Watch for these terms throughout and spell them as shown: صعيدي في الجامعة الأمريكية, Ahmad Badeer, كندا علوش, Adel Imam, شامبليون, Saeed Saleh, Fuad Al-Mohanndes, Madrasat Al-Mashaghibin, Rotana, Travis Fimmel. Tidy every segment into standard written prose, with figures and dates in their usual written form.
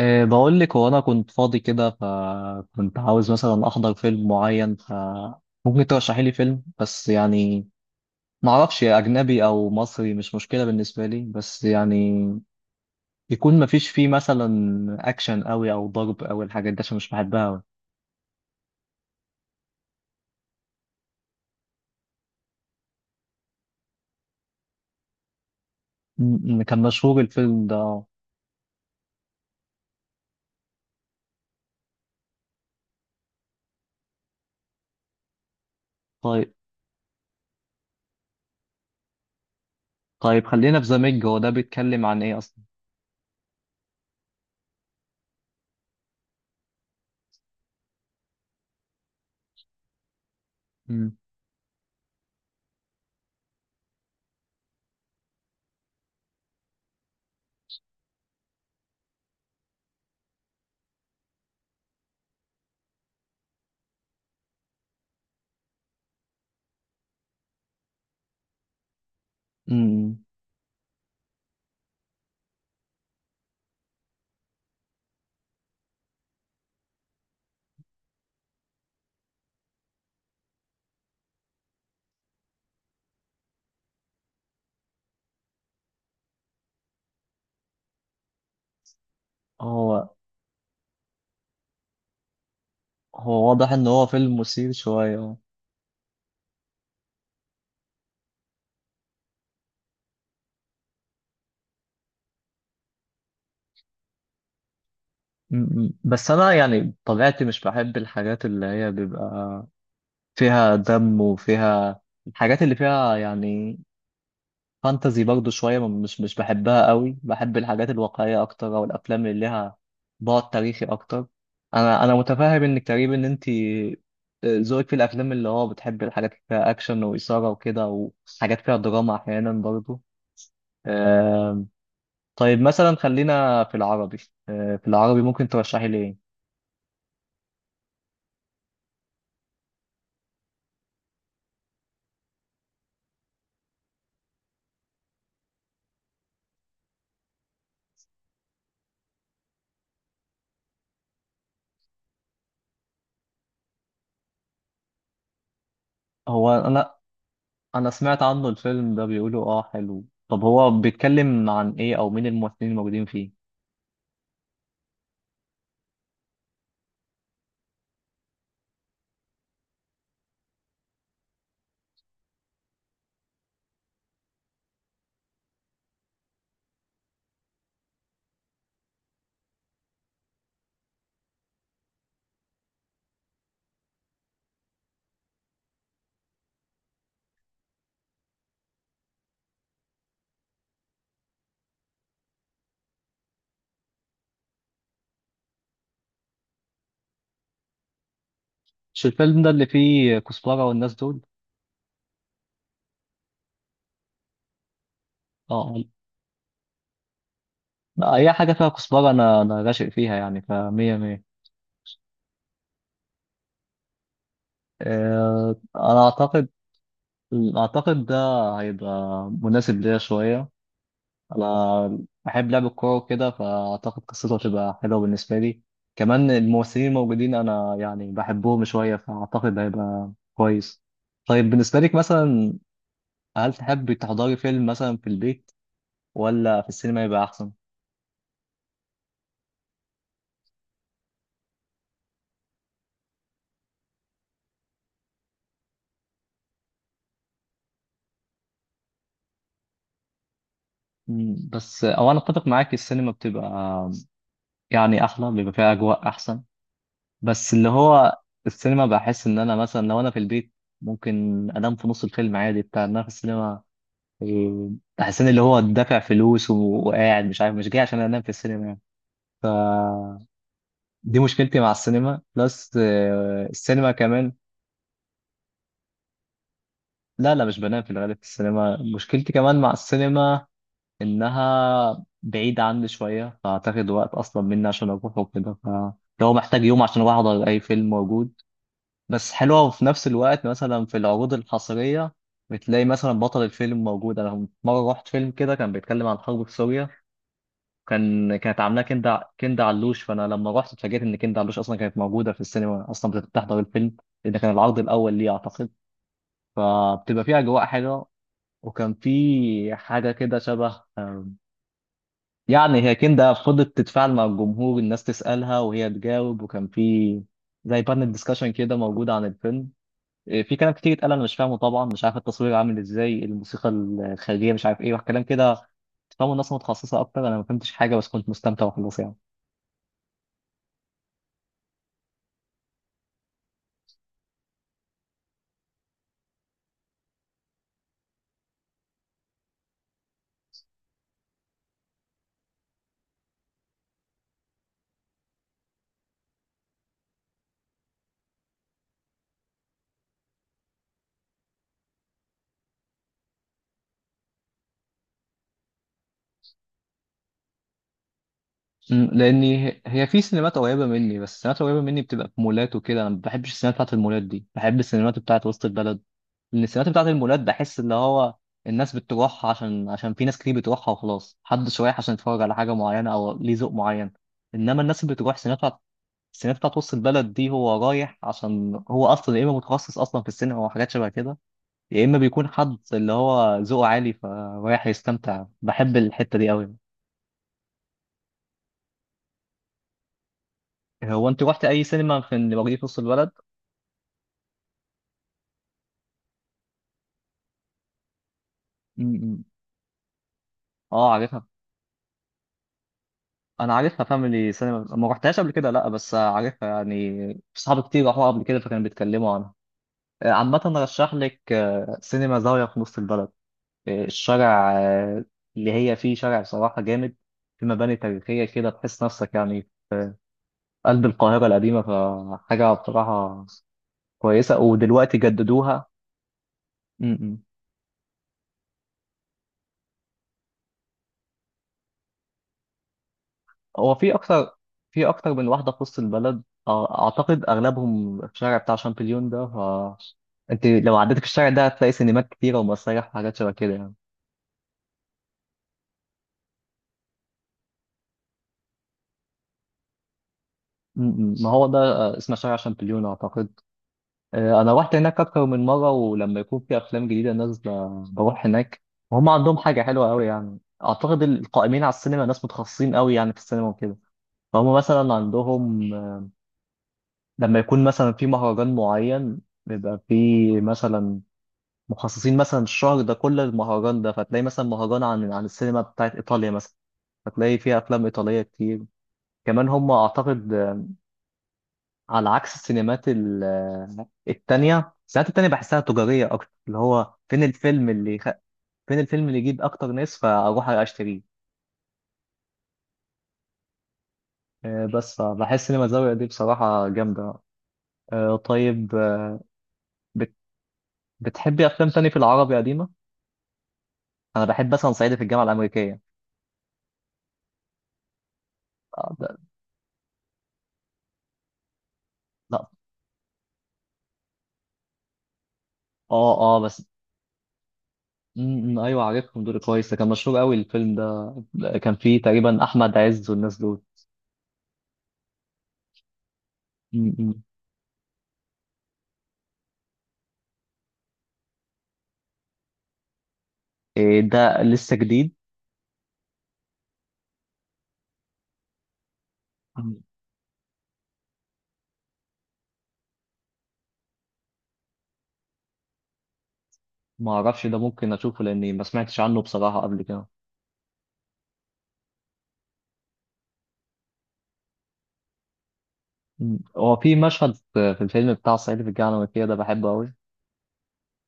إيه بقول لك، هو انا كنت فاضي كده فكنت عاوز مثلا احضر فيلم معين، فممكن ترشحي لي فيلم. بس يعني ما اعرفش، اجنبي او مصري مش مشكله بالنسبه لي، بس يعني يكون ما فيش فيه مثلا اكشن قوي او ضرب او الحاجات دي، عشان مش بحبها أوي. كان مشهور الفيلم ده؟ طيب. طيب خلينا في زاميج، هو ده بيتكلم عن ايه اصلا؟ امم. أمم. هو هو واضح ان هو فيلم مثير شويه. بس انا يعني طبيعتي مش بحب الحاجات اللي هي بيبقى فيها دم وفيها الحاجات اللي فيها يعني فانتزي برضو شوية، مش بحبها قوي، بحب الحاجات الواقعية اكتر او الافلام اللي لها بعد تاريخي اكتر. انا متفاهم انك تقريبا انت ذوقك في الافلام اللي هو بتحب الحاجات اللي فيها اكشن واثارة وكده، وحاجات فيها دراما احيانا برضو. آم، طيب مثلا خلينا في العربي. في العربي ممكن ترشحي لي ايه؟ انا سمعت عنه الفيلم ده، بيقولوا اه حلو. طب هو بيتكلم عن ايه، او مين الممثلين الموجودين فيه؟ مش الفيلم ده اللي فيه كزبرة والناس دول؟ اه. آه. اي حاجة فيها كزبرة انا راشق فيها يعني، فمية مية. انا اعتقد، اعتقد ده هيبقى مناسب ليا شوية. انا بحب لعب الكورة وكده، فاعتقد قصته هتبقى حلوة بالنسبة لي. كمان الممثلين الموجودين انا يعني بحبهم شوية، فاعتقد هيبقى كويس. طيب بالنسبة لك مثلا، هل تحب تحضري فيلم مثلا في البيت ولا في السينما يبقى احسن؟ مم، بس او انا اتفق معاك، السينما بتبقى يعني احلى، بيبقى فيها اجواء احسن. بس اللي هو السينما، بحس ان انا مثلا لو انا في البيت ممكن انام في نص الفيلم عادي، بتاع إن انا في السينما إيه، بحس ان اللي هو دافع فلوس وقاعد، مش عارف، مش جاي عشان انام في السينما يعني. فدي مشكلتي مع السينما بلس السينما كمان. لا لا، مش بنام في الغالب في السينما. مشكلتي كمان مع السينما انها بعيدة عني شوية، فاعتقد وقت اصلا مني عشان اروح وكده، فلو محتاج يوم عشان اروح احضر اي فيلم موجود. بس حلوة، وفي نفس الوقت مثلا في العروض الحصرية بتلاقي مثلا بطل الفيلم موجود. انا مرة رحت فيلم كده كان بيتكلم عن الحرب في سوريا، كانت عاملاه كندا، كندا علوش، فانا لما رحت اتفاجئت ان كندا علوش اصلا كانت موجودة في السينما، اصلا بتحضر الفيلم، لان كان العرض الاول ليه اعتقد. فبتبقى فيه اجواء حلوة. وكان في حاجة كده شبه يعني هي كندا فضلت تتفاعل مع الجمهور، الناس تسألها وهي تجاوب، وكان في زي بانل ديسكشن كده موجود عن الفيلم. في كلام كتير اتقال انا مش فاهمه طبعا، مش عارف التصوير عامل ازاي، الموسيقى الخارجيه، مش عارف ايه وكلام كده تفهموا الناس متخصصه اكتر. انا ما فهمتش حاجه بس كنت مستمتع وخلاص يعني. أمم، لاني هي في سينمات قريبه مني، بس السينمات قريبه مني بتبقى في مولات وكده، انا ما بحبش السينمات بتاعت المولات دي، بحب السينمات بتاعت وسط البلد. من السمات بتاعت المولات بحس اللي هو الناس بتروحها عشان، في ناس كتير بتروحها وخلاص، محدش رايح عشان يتفرج على حاجة معينة أو ليه ذوق معين. إنما الناس اللي بتروح السينما السينما بتاعت وسط البلد دي، هو رايح عشان هو أصلا يا إما متخصص أصلا في السينما أو حاجات شبه كده، يا إما بيكون حد اللي هو ذوقه عالي، فرايح يستمتع، بحب الحتة دي أوي. أنت روحت أي سينما في اللي موجودة في وسط البلد؟ م- م. آه عارفها. انا عارفها فاميلي سينما، ما رحتهاش قبل كده لا، بس عارفها يعني، صحابي كتير راحوا قبل كده فكانوا بيتكلموا عنها. عامة رشح لك سينما زاوية في نص البلد، الشارع اللي هي فيه، شارع بصراحة جامد. في مباني تاريخية كده تحس نفسك يعني في قلب القاهرة القديمة. فحاجة بصراحة كويسة، ودلوقتي جددوها. م- م. هو في اكتر، في اكتر من واحده في وسط البلد. اعتقد اغلبهم في الشارع بتاع شامبليون ده ف... انت لو عديت في الشارع ده هتلاقي سينمات كتيره ومسارح وحاجات شبه كده يعني. م- م. ما هو ده اسمه شارع شامبليون اعتقد. انا رحت هناك اكتر من مره، ولما يكون في افلام جديده نازله بروح هناك. وهم عندهم حاجه حلوه قوي يعني، اعتقد القائمين على السينما ناس متخصصين قوي يعني في السينما وكده. فهم مثلا عندهم، لما يكون مثلا في مهرجان معين، بيبقى في مثلا مخصصين مثلا الشهر ده كله للمهرجان ده، فتلاقي مثلا مهرجان عن السينما بتاعت إيطاليا مثلا، فتلاقي فيها أفلام إيطالية كتير. كمان هم أعتقد على عكس التانية، السينمات التانية بحسها تجارية أكتر، اللي هو فين الفيلم اللي خ... فين الفيلم اللي يجيب أكتر ناس فأروح أشتريه. بس فبحس سينما الزاوية دي بصراحة جامدة. طيب، بت... بتحبي أفلام تاني في العربي قديمة؟ أنا بحب مثلا صعيدي في الجامعة الأمريكية. آه، ده- لا. اه اه بس. امم، ايوه عارفهم دول كويس، ده كان مشهور قوي الفيلم ده، ده كان فيه تقريبا احمد عز والناس دول. امم. امم. إيه ده لسه جديد؟ مم. ما اعرفش ده، ممكن اشوفه لاني ما سمعتش عنه بصراحه قبل كده. مم. هو في مشهد في الفيلم بتاع صعيدي في الجامعه الامريكيه ده بحبه قوي،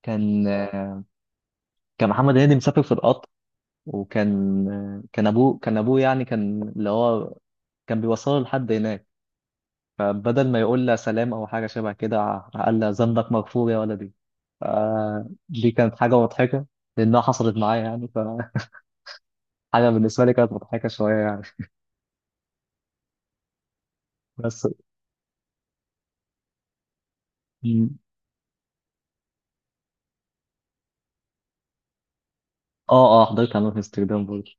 كان كان محمد هنيدي مسافر في القطر، وكان كان ابوه ابوه يعني كان اللي هو كان بيوصله لحد هناك، فبدل ما يقول لها سلام او حاجه شبه كده قال لها ذنبك مغفور يا ولدي. ف- دي كانت حاجه مضحكه لانها حصلت معايا يعني، فحاجه بالنسبه لي كانت مضحكه شويه يعني. بس. م- اه اه حضرتها أنا في امستردام برضه.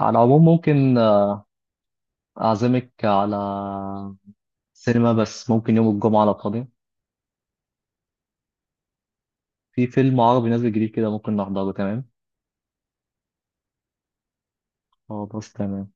على العموم ممكن اعزمك على سينما، بس ممكن يوم الجمعه لو فاضي، في فيلم عربي نازل جديد كده ممكن نحضره، تمام؟ خلاص تمام.